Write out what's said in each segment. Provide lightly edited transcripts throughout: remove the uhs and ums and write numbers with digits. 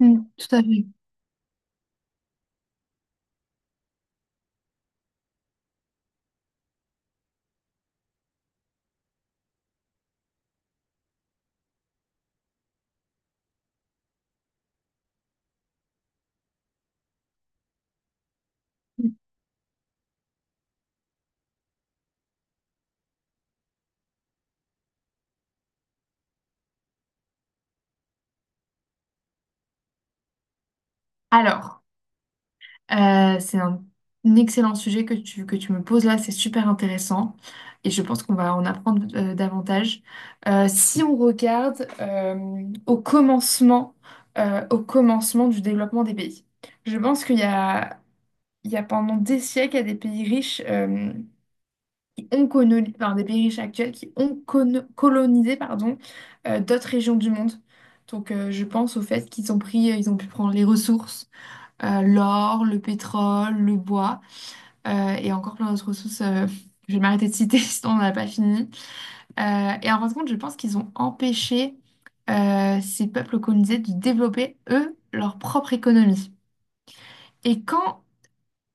Mm, tout à fait. Mm. Alors, c'est un excellent sujet que tu me poses là, c'est super intéressant et je pense qu'on va en apprendre davantage. Si on regarde au commencement du développement des pays, je pense qu'il y a pendant des siècles, il y a des pays riches qui ont colonisé, enfin, des pays riches actuels qui ont colonisé pardon, d'autres régions du monde. Donc, je pense au fait ils ont pu prendre les ressources, l'or, le pétrole, le bois et encore plein d'autres ressources. Je vais m'arrêter de citer, sinon on n'a pas fini. Et en fin de compte, je pense qu'ils ont empêché ces peuples colonisés de développer, eux, leur propre économie. Et quand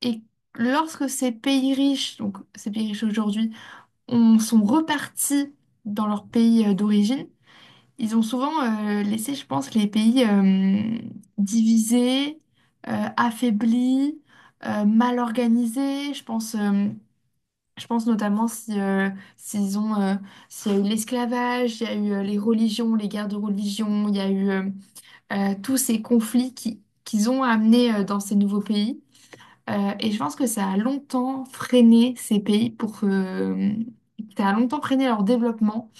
et lorsque ces pays riches, donc ces pays riches aujourd'hui, sont repartis dans leur pays d'origine. Ils ont souvent laissé, je pense, les pays divisés, affaiblis, mal organisés. Je pense, je pense notamment si, s'ils ont, s'il y a eu l'esclavage, il y a eu les religions, les guerres de religion, il y a eu tous ces conflits qu'ils ont amenés dans ces nouveaux pays. Et je pense que ça a longtemps freiné ces pays ça a longtemps freiné leur développement,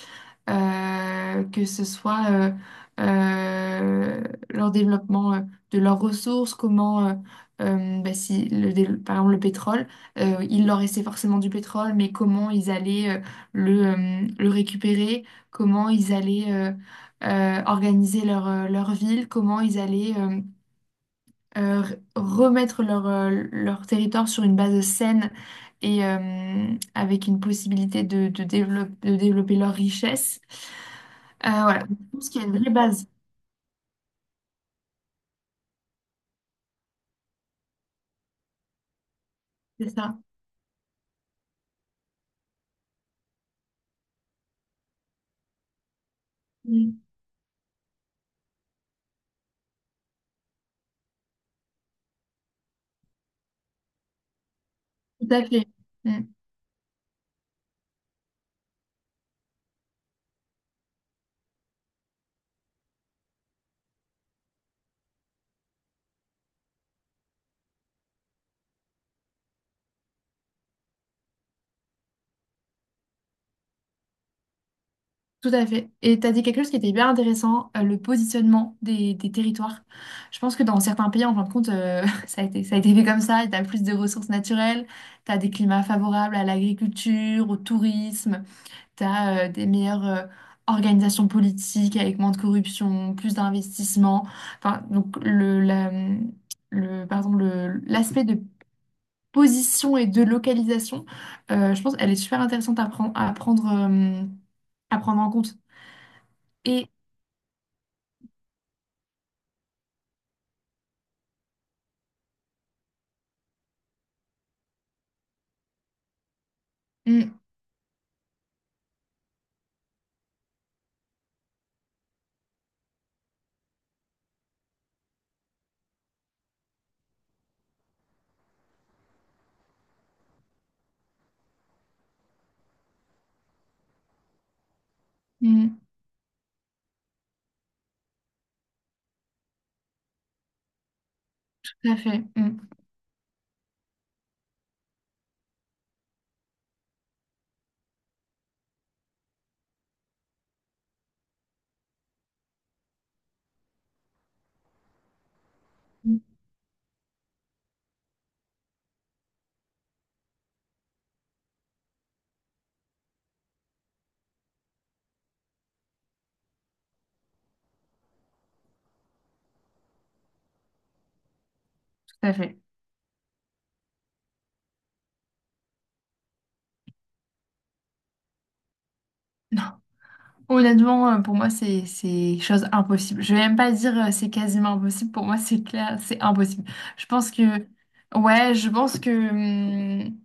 que ce soit euh, leur développement de leurs ressources, bah, si le, dé- par exemple le pétrole, il leur restait forcément du pétrole, mais comment ils allaient le récupérer, comment ils allaient organiser leur ville, comment ils allaient remettre leur territoire sur une base saine et avec une possibilité de de développer leur richesse. Ah, voilà, je pense qu'il y a une vraie base, c'est ça. Mm. Tout à fait. Mm. Tout à fait. Et tu as dit quelque chose qui était hyper intéressant, le positionnement des territoires. Je pense que dans certains pays, en fin de compte, ça a été fait comme ça. Tu as plus de ressources naturelles, tu as des climats favorables à l'agriculture, au tourisme, tu as des meilleures organisations politiques avec moins de corruption, plus d'investissement. Enfin, donc, par exemple, l'aspect de position et de localisation, je pense qu'elle est super intéressante à prendre en compte. Et mm, mm, tout à fait, mm, mm, tout à fait. Non. Honnêtement, pour moi, c'est chose impossible. Je vais même pas dire c'est quasiment impossible. Pour moi, c'est clair, c'est impossible. Je pense que ouais, je pense que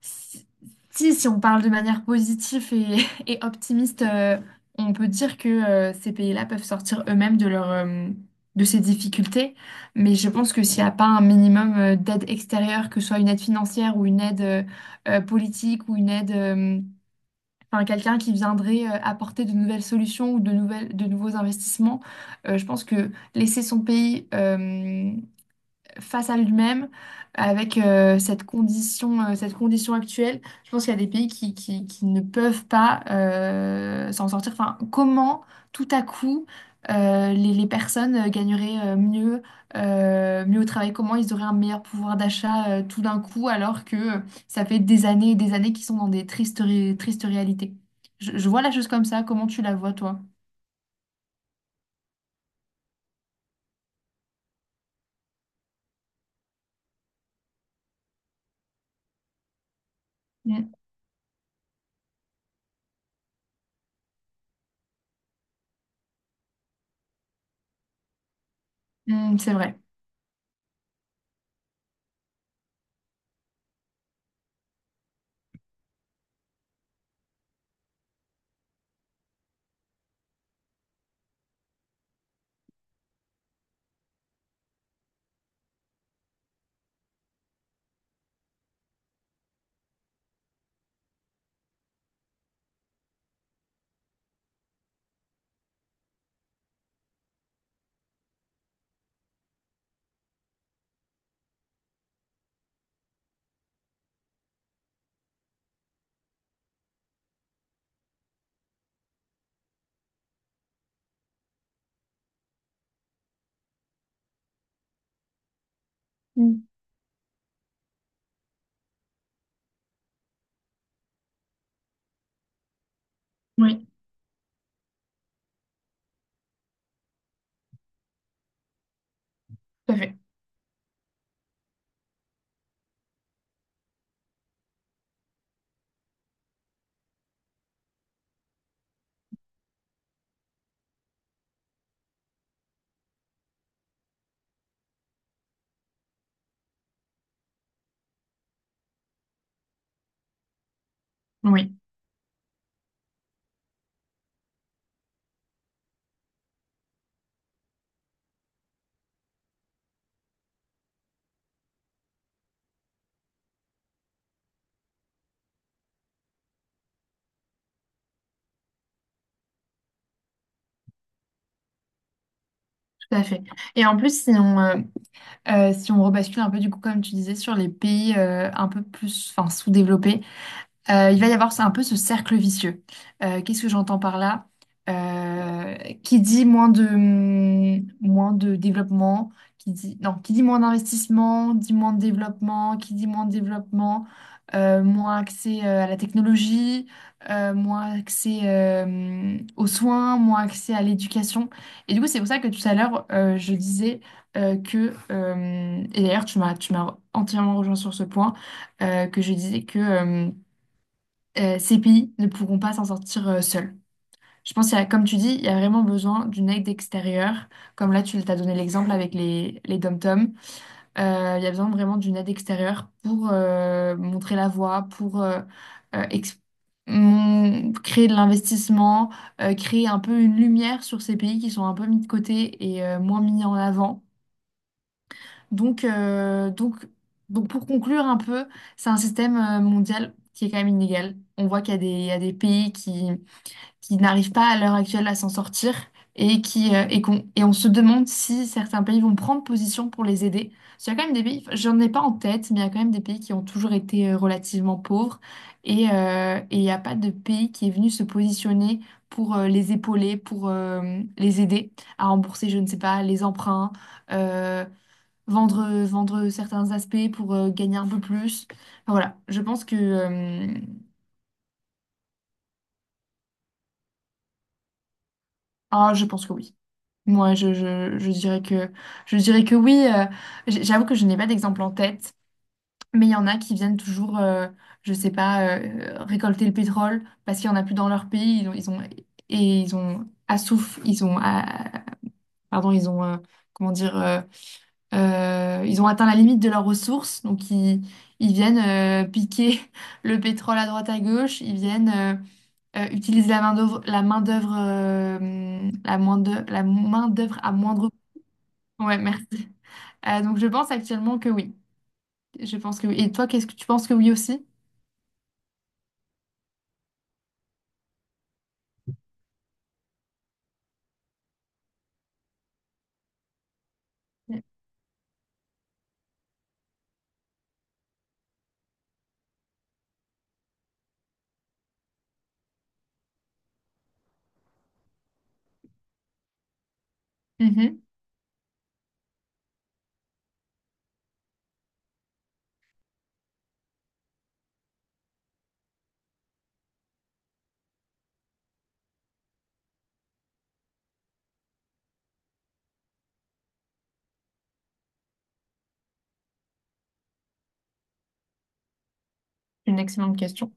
Si, si on parle de manière positive et, et optimiste, on peut dire que ces pays-là peuvent sortir eux-mêmes de de ces difficultés. Mais je pense que s'il n'y a pas un minimum d'aide extérieure, que ce soit une aide financière ou une aide politique ou une aide, enfin quelqu'un qui viendrait apporter de nouvelles solutions ou de de nouveaux investissements, je pense que laisser son pays face à lui-même avec cette condition actuelle. Je pense qu'il y a des pays qui ne peuvent pas s'en sortir. Enfin, comment tout à coup les personnes gagneraient mieux au travail? Comment ils auraient un meilleur pouvoir d'achat tout d'un coup alors que ça fait des années et des années qu'ils sont dans des tristes réalités? Je vois la chose comme ça. Comment tu la vois, toi? Mm. Mm, c'est vrai. Mm. Oui, tout à fait. Oui, tout à fait. Et en plus, si on rebascule un peu, du coup, comme tu disais, sur les pays un peu plus enfin, sous-développés, il va y avoir un peu ce cercle vicieux. Qu'est-ce que j'entends par là? Euh, qui dit moins de développement, qui dit, non, qui dit moins d'investissement, dit moins de développement, qui dit moins de développement, moins accès à la technologie, moins accès aux soins, moins accès à l'éducation. Et du coup, c'est pour ça que tout à l'heure, je disais et d'ailleurs, tu m'as entièrement rejoint sur ce point, que je disais que... ces pays ne pourront pas s'en sortir seuls. Je pense, comme tu dis, il y a vraiment besoin d'une aide extérieure. Comme là, tu t'as donné l'exemple avec les dom-toms. Il y a besoin vraiment d'une aide extérieure pour montrer la voie, pour euh, ex- créer de l'investissement, créer un peu une lumière sur ces pays qui sont un peu mis de côté et moins mis en avant. Donc, euh, donc, donc, pour conclure un peu, c'est un système mondial qui est quand même inégal. On voit qu'il y a il y a des pays qui n'arrivent pas à l'heure actuelle à s'en sortir et qui et qu'on et on se demande si certains pays vont prendre position pour les aider. Parce qu'il y a quand même des pays, enfin, j'en ai pas en tête, mais il y a quand même des pays qui ont toujours été relativement pauvres et il n'y a pas de pays qui est venu se positionner pour les épauler, pour les aider à rembourser, je ne sais pas, les emprunts, euh, vendre certains aspects pour gagner un peu plus. Enfin, voilà, je pense que ah, je pense que oui. Moi, je dirais je dirais que oui. J'avoue que je n'ai pas d'exemple en tête, mais il y en a qui viennent toujours, je sais pas, récolter le pétrole parce qu'il n'y en a plus dans leur pays. Ils ont- et ils ont assouf, ils ont, ah, pardon, ils ont, comment dire, Ils ont atteint la limite de leurs ressources. Donc, ils viennent piquer le pétrole à droite à gauche. Ils viennent utiliser la main d'œuvre, la main d'œuvre, la main d'œuvre, la main d'œuvre à moindre. Ouais, merci. Donc je pense actuellement que oui. Je pense que oui. Et toi, qu'est-ce que tu penses que oui aussi? Mhm. C'est une excellente question.